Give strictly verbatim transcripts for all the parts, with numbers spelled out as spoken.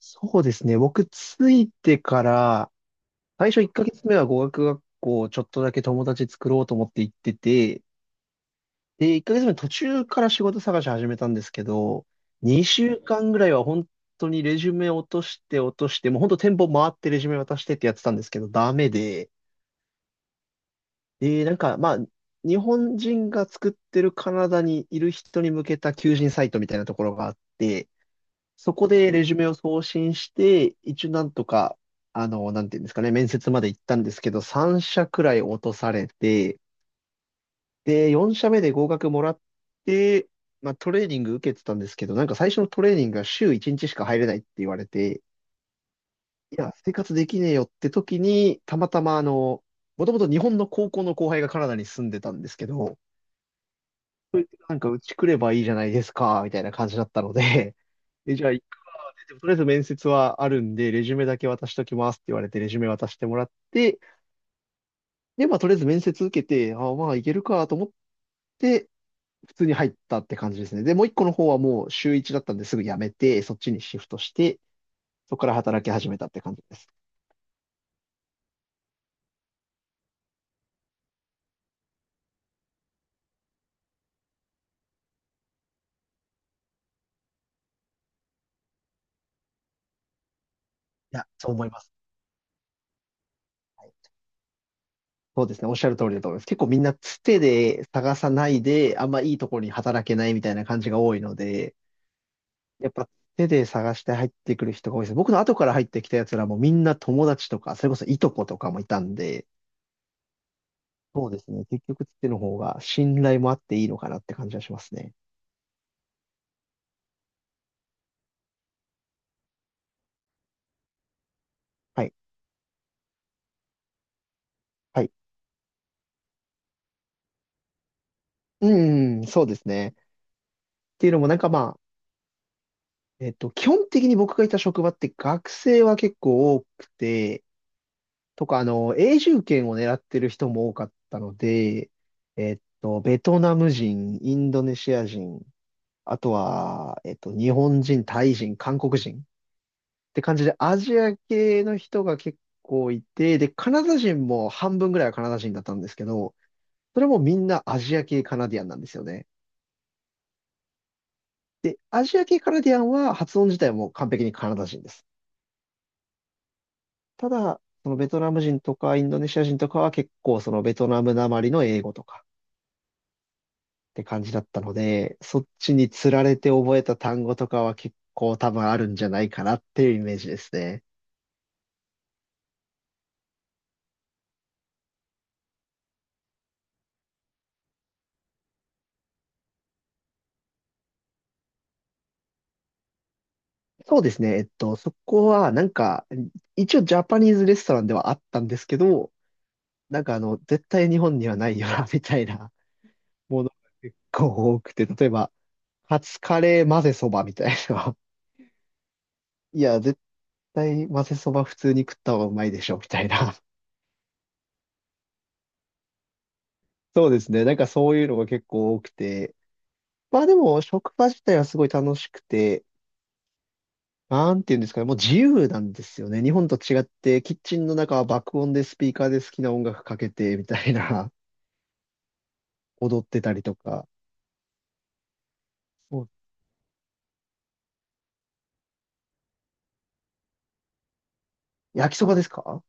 そうですね。僕、ついてから、最初いっかげつめは語学学校、ちょっとだけ友達作ろうと思って行ってて、で、いっかげつめ途中から仕事探し始めたんですけど、にしゅうかんぐらいは本当にレジュメ落として落として、もう本当店舗回ってレジュメ渡してってやってたんですけど、ダメで、で、なんか、まあ、日本人が作ってるカナダにいる人に向けた求人サイトみたいなところがあって、そこでレジュメを送信して、一応なんとか、あの、なんていうんですかね、面接まで行ったんですけど、さん社くらい落とされて、で、よん社目で合格もらって、まあトレーニング受けてたんですけど、なんか最初のトレーニングが週いちにちしか入れないって言われて、いや、生活できねえよって時に、たまたまあの、もともと日本の高校の後輩がカナダに住んでたんですけど、なんかうち来ればいいじゃないですか、みたいな感じだったので、え、じゃあでもとりあえず面接はあるんで、レジュメだけ渡しときますって言われて、レジュメ渡してもらって、で、まあ、とりあえず面接受けて、あまあ、いけるかと思って、普通に入ったって感じですね。で、もう一個の方はもう週一だったんですぐ辞めて、そっちにシフトして、そこから働き始めたって感じです。いや、そう思います。はい。そうですね。おっしゃる通りだと思います。結構みんなつてで探さないで、あんまいいところに働けないみたいな感じが多いので、やっぱ手で探して入ってくる人が多いです。僕の後から入ってきたやつらもみんな友達とか、それこそいとことかもいたんで、そうですね。結局手の方が信頼もあっていいのかなって感じはしますね。はい。はい。うん、そうですね。っていうのもなんかまあ、えっと、基本的に僕がいた職場って学生は結構多くて、とか、あの、永住権を狙ってる人も多かったので、えっと、ベトナム人、インドネシア人、あとは、えっと、日本人、タイ人、韓国人。って感じで、アジア系の人が結構いて、で、カナダ人も半分ぐらいはカナダ人だったんですけど、それもみんなアジア系カナディアンなんですよね。で、アジア系カナディアンは発音自体も完璧にカナダ人です。ただ、そのベトナム人とかインドネシア人とかは結構そのベトナムなまりの英語とかって感じだったので、そっちにつられて覚えた単語とかは結構多分あるんじゃないかなっていうイメージですね。そうですね。えっと、そこは、なんか、一応ジャパニーズレストランではあったんですけど、なんかあの、絶対日本にはないよな、みたいなものが結構多くて、例えば、カツカレー混ぜそばみたいな。いや、絶対混ぜそば普通に食った方がうまいでしょ、みたいな。そうですね。なんかそういうのが結構多くて。まあでも、職場自体はすごい楽しくて、なんていうんですかね、もう自由なんですよね。日本と違って、キッチンの中は爆音でスピーカーで好きな音楽かけて、みたいな。踊ってたりとか。うん、焼きそばですか？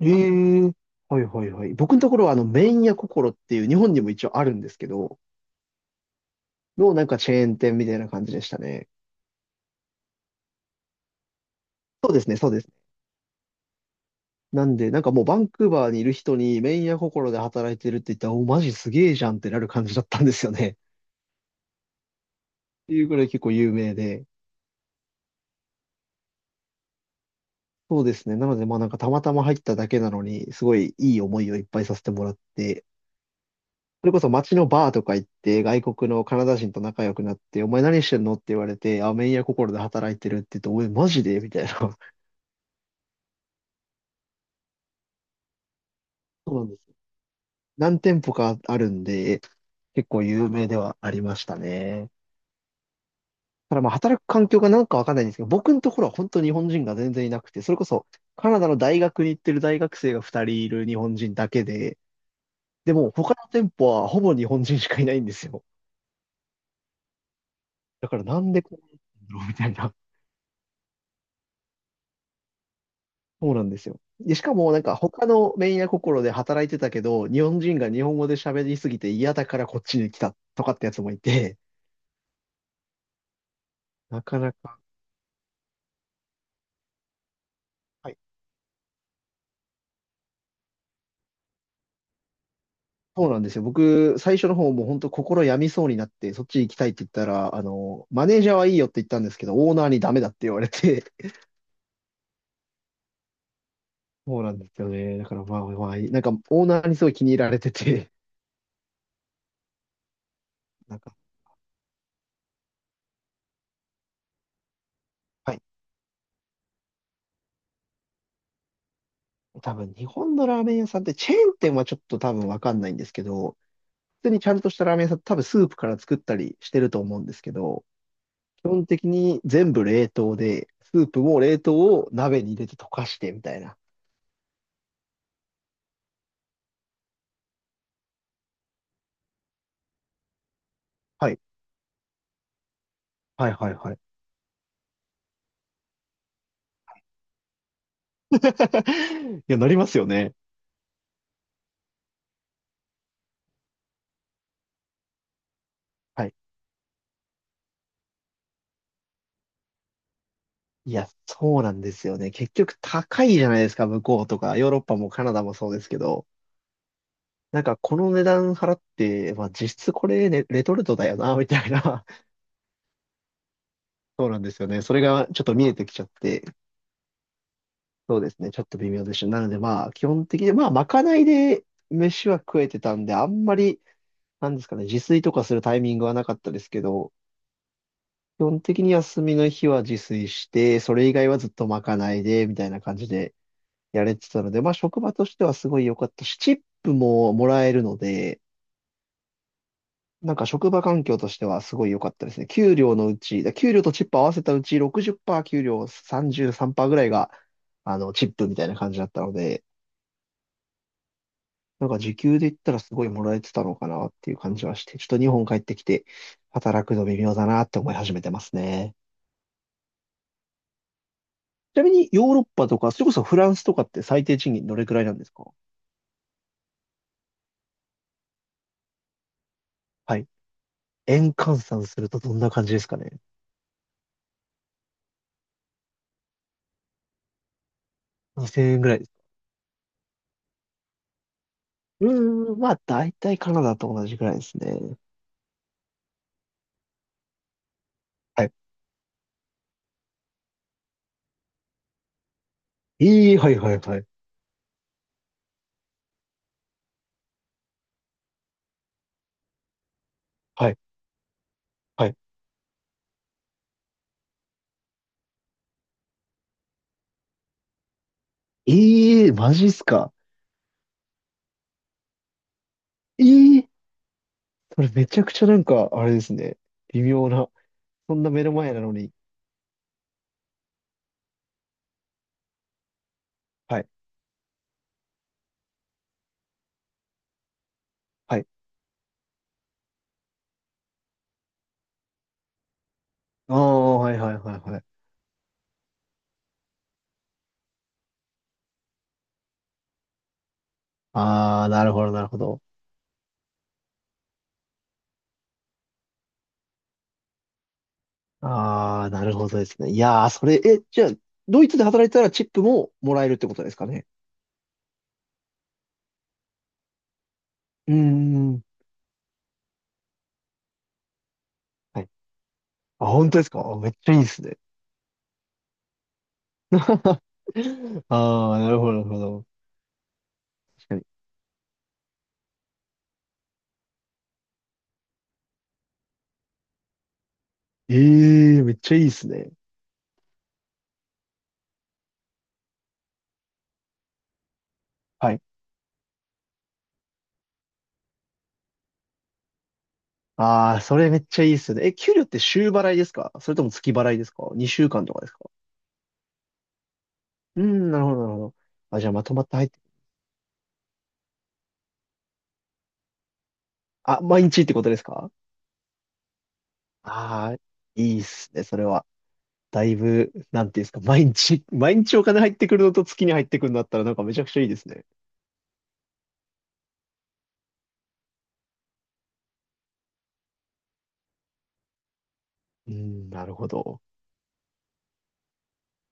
ええ、はいはいはい。僕のところはあの、麺屋心っていう日本にも一応あるんですけど、のなんかチェーン店みたいな感じでしたね。そうですね、そうですね。なんで、なんかもうバンクーバーにいる人に麺屋心で働いてるって言ったら、お、マジすげえじゃんってなる感じだったんですよね。っていうぐらい結構有名で。そうですね。なので、まあなんかたまたま入っただけなのに、すごいいい思いをいっぱいさせてもらって、それこそ街のバーとか行って、外国のカナダ人と仲良くなって、お前何してんのって言われて、あ、麺屋心で働いてるって言って、おい、マジでみたいな。そうなんです。何店舗かあるんで、結構有名ではありましたね。ただまあ、働く環境がなんかわかんないんですけど、僕のところは本当日本人が全然いなくて、それこそカナダの大学に行ってる大学生がふたりいる日本人だけで、でも他の店舗はほぼ日本人しかいないんですよ。だからなんでこうなってんだろうみたいな。そうなんですよ。で、しかもなんか他のメンヤ心で働いてたけど、日本人が日本語で喋りすぎて嫌だからこっちに来たとかってやつもいて、なかなか。はい、そうなんですよ。僕、最初の方も本当心病みそうになって、そっち行きたいって言ったら、あの、マネージャーはいいよって言ったんですけど、オーナーにダメだって言われて、そうなんですよね。だからまあまあ、なんかオーナーにすごい気に入られてて、なんか、はい。多分日本のラーメン屋さんってチェーン店はちょっと多分わかんないんですけど、普通にちゃんとしたラーメン屋さん、多分スープから作ったりしてると思うんですけど、基本的に全部冷凍で、スープも冷凍を鍋に入れて溶かしてみたいな。はい。はいはいはい。いや、なりますよね。はい。いや、そうなんですよね。結局高いじゃないですか、向こうとか、ヨーロッパもカナダもそうですけど。なんか、この値段払って、まあ、実質これ、ね、レトルトだよな、みたいな。そうなんですよね。それがちょっと見えてきちゃって、そうですね。ちょっと微妙でした。なのでまあ、基本的に、まあ、まかないで飯は食えてたんで、あんまり、なんですかね、自炊とかするタイミングはなかったですけど、基本的に休みの日は自炊して、それ以外はずっとまかないで、みたいな感じでやれてたので、まあ、職場としてはすごい良かったし、チップももらえるので、なんか職場環境としてはすごい良かったですね。給料のうち、だ給料とチップ合わせたうちろくじゅっパーセント、給料さんじゅうさんパーセントぐらいが、あの、チップみたいな感じだったので、なんか時給で言ったらすごいもらえてたのかなっていう感じはして、ちょっと日本帰ってきて働くの微妙だなって思い始めてますね。ちなみにヨーロッパとか、それこそフランスとかって最低賃金どれくらいなんですか？はい。円換算するとどんな感じですかね？ にせん 円ぐらいです？うーん、まあ大体カナダと同じくらいですね。はい。ええ、はいはいはい。はい。はい。ええ、マジっすか。ええ、それめちゃくちゃなんか、あれですね。微妙な。そんな目の前なのに。はい。はい。ああ、はいはいはいはい。ああ、なるほどなるほど。ああ、なるほどですね。いやー、それ、え、じゃあ、ドイツで働いてたらチップももらえるってことですかね。うーん。はい。あ、本当ですかあ、めっちゃいいですね。ああ、なるほどなるほど。確かに。ええ、めっちゃいいですね。はい。ああ、それめっちゃいいですね。え、給料って週払いですか、それとも月払いですか？ に 週間とかですか？うーん、なるほどなるほど。あ、じゃあまとまって入って、あ、毎日ってことですか？ああー、いいっすね、それは。だいぶ、なんていうんですか、毎日、毎日お金入ってくるのと月に入ってくるんだったらなんかめちゃくちゃいいですね。うん、なるほど。